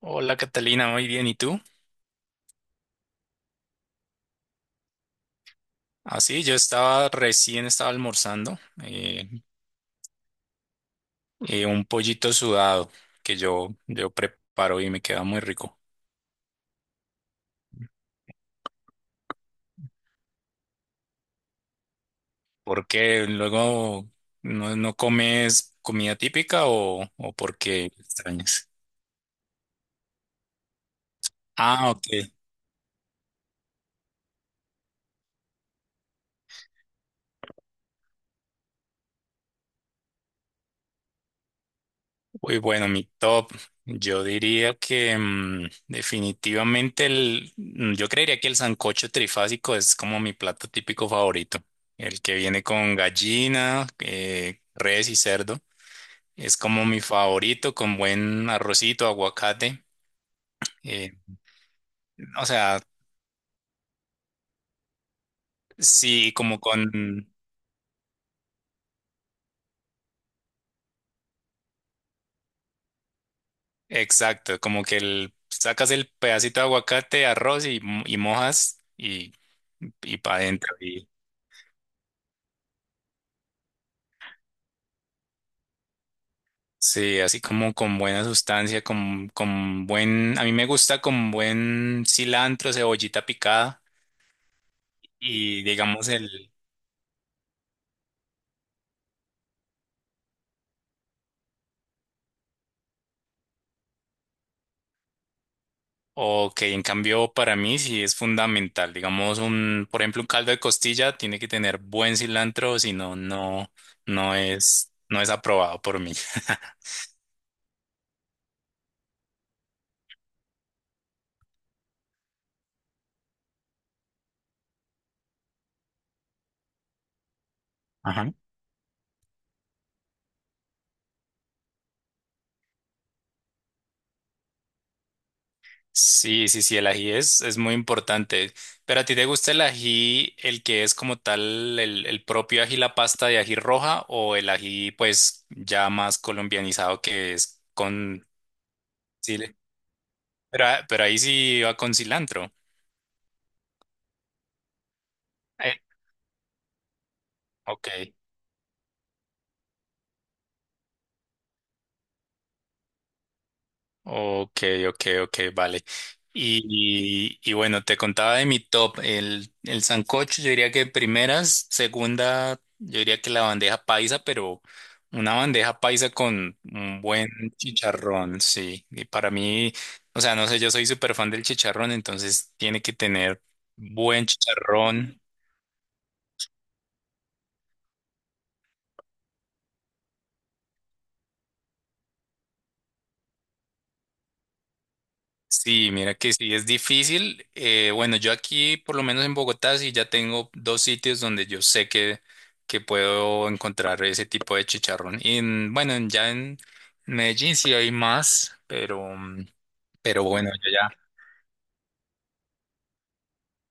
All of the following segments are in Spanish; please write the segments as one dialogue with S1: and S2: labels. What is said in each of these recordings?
S1: Hola Catalina, muy bien. ¿Y tú? Así, yo estaba recién estaba almorzando eh, un pollito sudado que yo preparo y me queda muy rico. ¿Por qué luego no comes comida típica o por qué extrañas? Ah, ok. Uy, bueno, mi top, yo diría que definitivamente yo creería que el sancocho trifásico es como mi plato típico favorito. El que viene con gallina, res y cerdo. Es como mi favorito con buen arrocito, aguacate. eh, o sea, sí, como con, exacto, como que sacas el pedacito de aguacate, arroz y mojas y para adentro. Sí, así como con buena sustancia, con buen, a mí me gusta con buen cilantro, cebollita picada y digamos el, o que en cambio para mí sí es fundamental, digamos por ejemplo, un caldo de costilla tiene que tener buen cilantro, no, no es aprobado por mí. Ajá. Sí, el ají es muy importante. Pero a ti te gusta el ají, el que es como tal, el propio ají, la pasta de ají roja, o el ají, pues ya más colombianizado que es con chile. Pero ahí sí va con cilantro. Eh, ok. Ok, ok, vale. Y bueno, te contaba de mi top. El sancocho, yo diría que primeras, segunda, yo diría que la bandeja paisa, pero una bandeja paisa con un buen chicharrón, sí. Y para mí, o sea, no sé, yo soy súper fan del chicharrón, entonces tiene que tener buen chicharrón. Sí, mira que sí, es difícil. Bueno, yo aquí, por lo menos en Bogotá, sí ya tengo dos sitios donde yo sé que puedo encontrar ese tipo de chicharrón. Bueno, ya en Medellín sí hay más, pero, pero bueno, yo ya.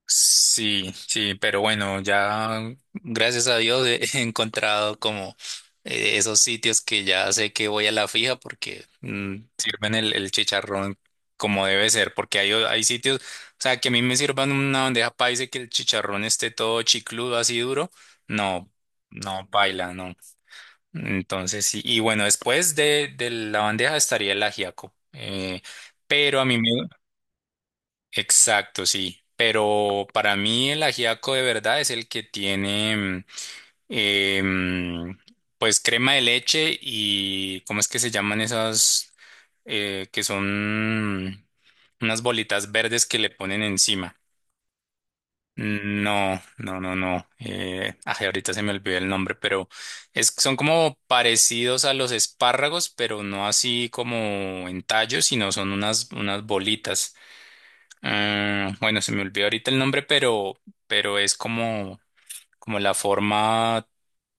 S1: Sí, sí, pero bueno, ya gracias a Dios he he encontrado como esos sitios que ya sé que voy a la fija porque sirven el chicharrón como debe ser, porque hay, hay sitios, o sea, que a mí me sirvan una bandeja paisa y que el chicharrón esté todo chicludo, así duro, no, no baila, no. Entonces sí, y bueno, después de la bandeja estaría el ajiaco, pero a mí me, exacto, sí. Pero para mí el ajiaco de verdad es el que tiene, eh, mm, pues crema de leche y, ¿cómo es que se llaman esas? Que son unas bolitas verdes que le ponen encima. No, no, no, no. Ay, ahorita se me olvidó el nombre, pero es, son como parecidos a los espárragos, pero no así como en tallos, sino son unas, unas bolitas. Bueno, se me olvidó ahorita el nombre, pero es como, como la forma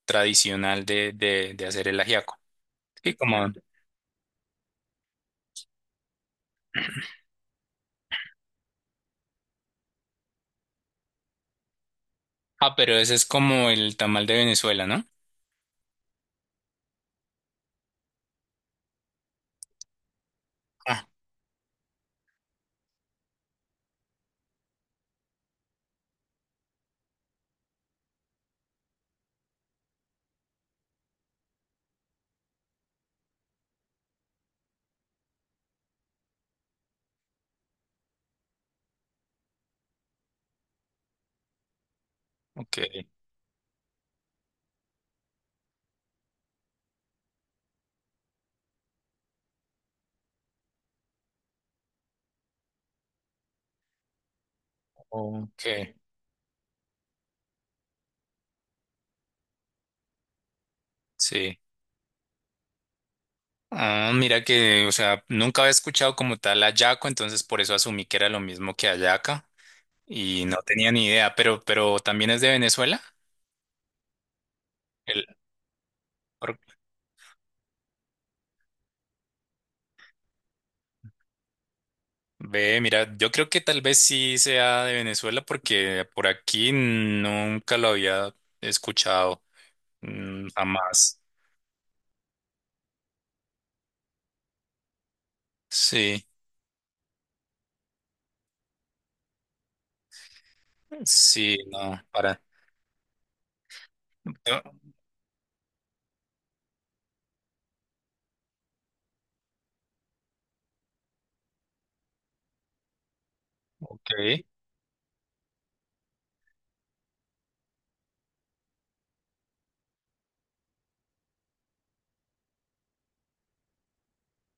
S1: tradicional de hacer el ajiaco. Sí, como. Ah, pero ese es como el tamal de Venezuela, ¿no? Ah, ok. Ok. Sí. Ah, mira que, o sea, nunca había escuchado como tal hallaco, entonces por eso asumí que era lo mismo que hallaca y no tenía ni idea, pero también es de Venezuela. El, Ve, mira, yo creo que tal vez sí sea de Venezuela porque por aquí nunca lo había escuchado, jamás. Sí, sí, no, para. No, ok.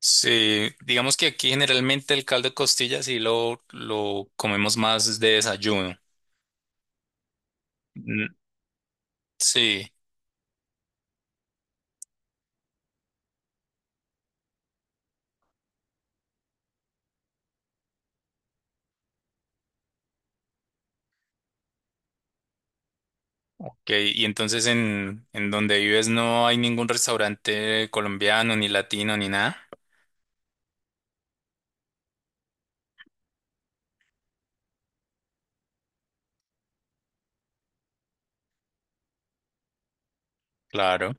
S1: Sí, digamos que aquí generalmente el caldo de costilla sí lo comemos más de desayuno. Mm, sí, ok. Y entonces en donde vives no hay ningún restaurante colombiano, ni latino, ni nada. Claro.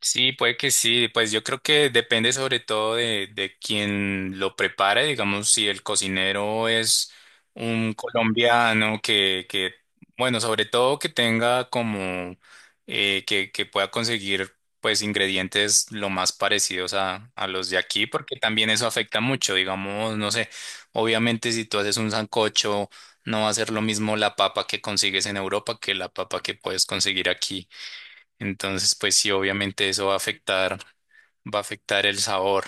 S1: Sí, puede que sí. Pues yo creo que depende sobre todo de quien lo prepare. Digamos, si el cocinero es un colombiano que bueno, sobre todo que tenga como que pueda conseguir pues ingredientes lo más parecidos a los de aquí, porque también eso afecta mucho. Digamos, no sé, obviamente si tú haces un sancocho, no va a ser lo mismo la papa que consigues en Europa que la papa que puedes conseguir aquí. Entonces, pues sí, obviamente eso va a afectar el sabor.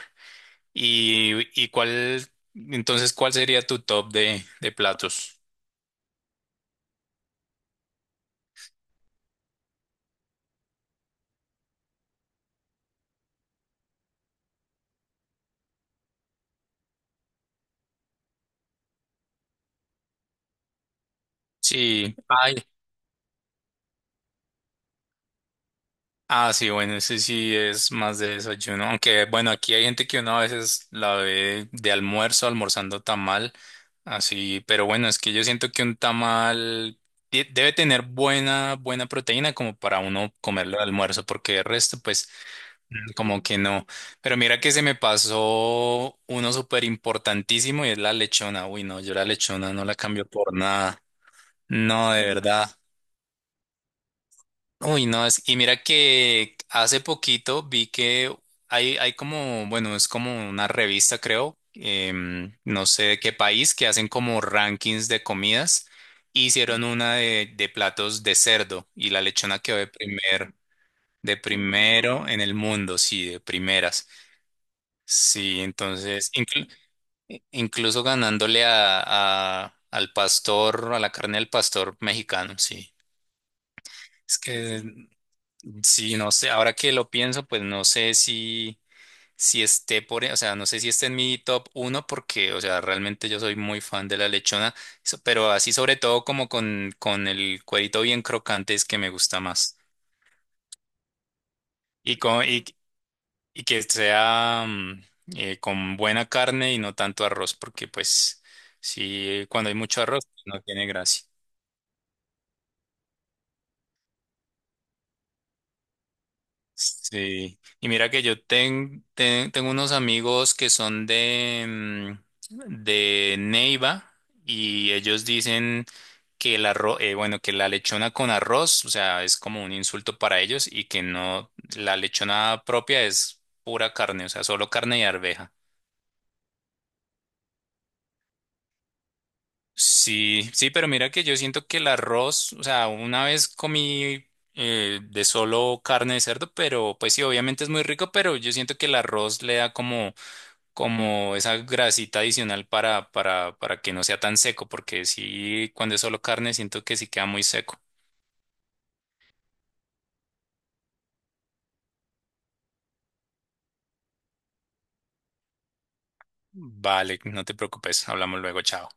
S1: ¿Y, y cuál, entonces, ¿cuál sería tu top de platos? Sí, ay. Ah, sí, bueno, ese sí es más de desayuno. Aunque, bueno, aquí hay gente que uno a veces la ve de almuerzo, almorzando tamal, así, pero bueno, es que yo siento que un tamal debe tener buena, buena proteína como para uno comerlo de almuerzo, porque el resto, pues. Mm, como que no. Pero mira que se me pasó uno súper importantísimo y es la lechona. Uy, no, yo la lechona no la cambio por nada. No, de verdad. Uy, no, es... Y mira que hace poquito vi que hay como, bueno, es como una revista, creo, no sé de qué país, que hacen como rankings de comidas. Hicieron una de platos de cerdo y la lechona quedó de de primero en el mundo, sí, de primeras. Sí, entonces, incluso ganándole a, al pastor, a la carne del pastor mexicano, sí. Es que, sí, no sé, ahora que lo pienso, pues no sé si esté por, o sea, no sé si esté en mi top uno, porque, o sea, realmente yo soy muy fan de la lechona, pero así sobre todo como con el cuerito bien crocante es que me gusta más. Y con, y, y que sea con buena carne y no tanto arroz, porque pues si cuando hay mucho arroz no tiene gracia. Sí, y mira que yo tengo unos amigos que son de, de Neiva y ellos dicen que el arroz, bueno, que la lechona con arroz, o sea, es como un insulto para ellos y que no, la lechona propia es pura carne, o sea, solo carne y arveja. Sí, sí, pero mira que yo siento que el arroz, o sea, una vez comí de solo carne de cerdo, pero pues sí, obviamente es muy rico, pero yo siento que el arroz le da como, como esa grasita adicional para que no sea tan seco, porque sí, cuando es solo carne siento que sí queda muy seco. Vale, no te preocupes, hablamos luego, chao.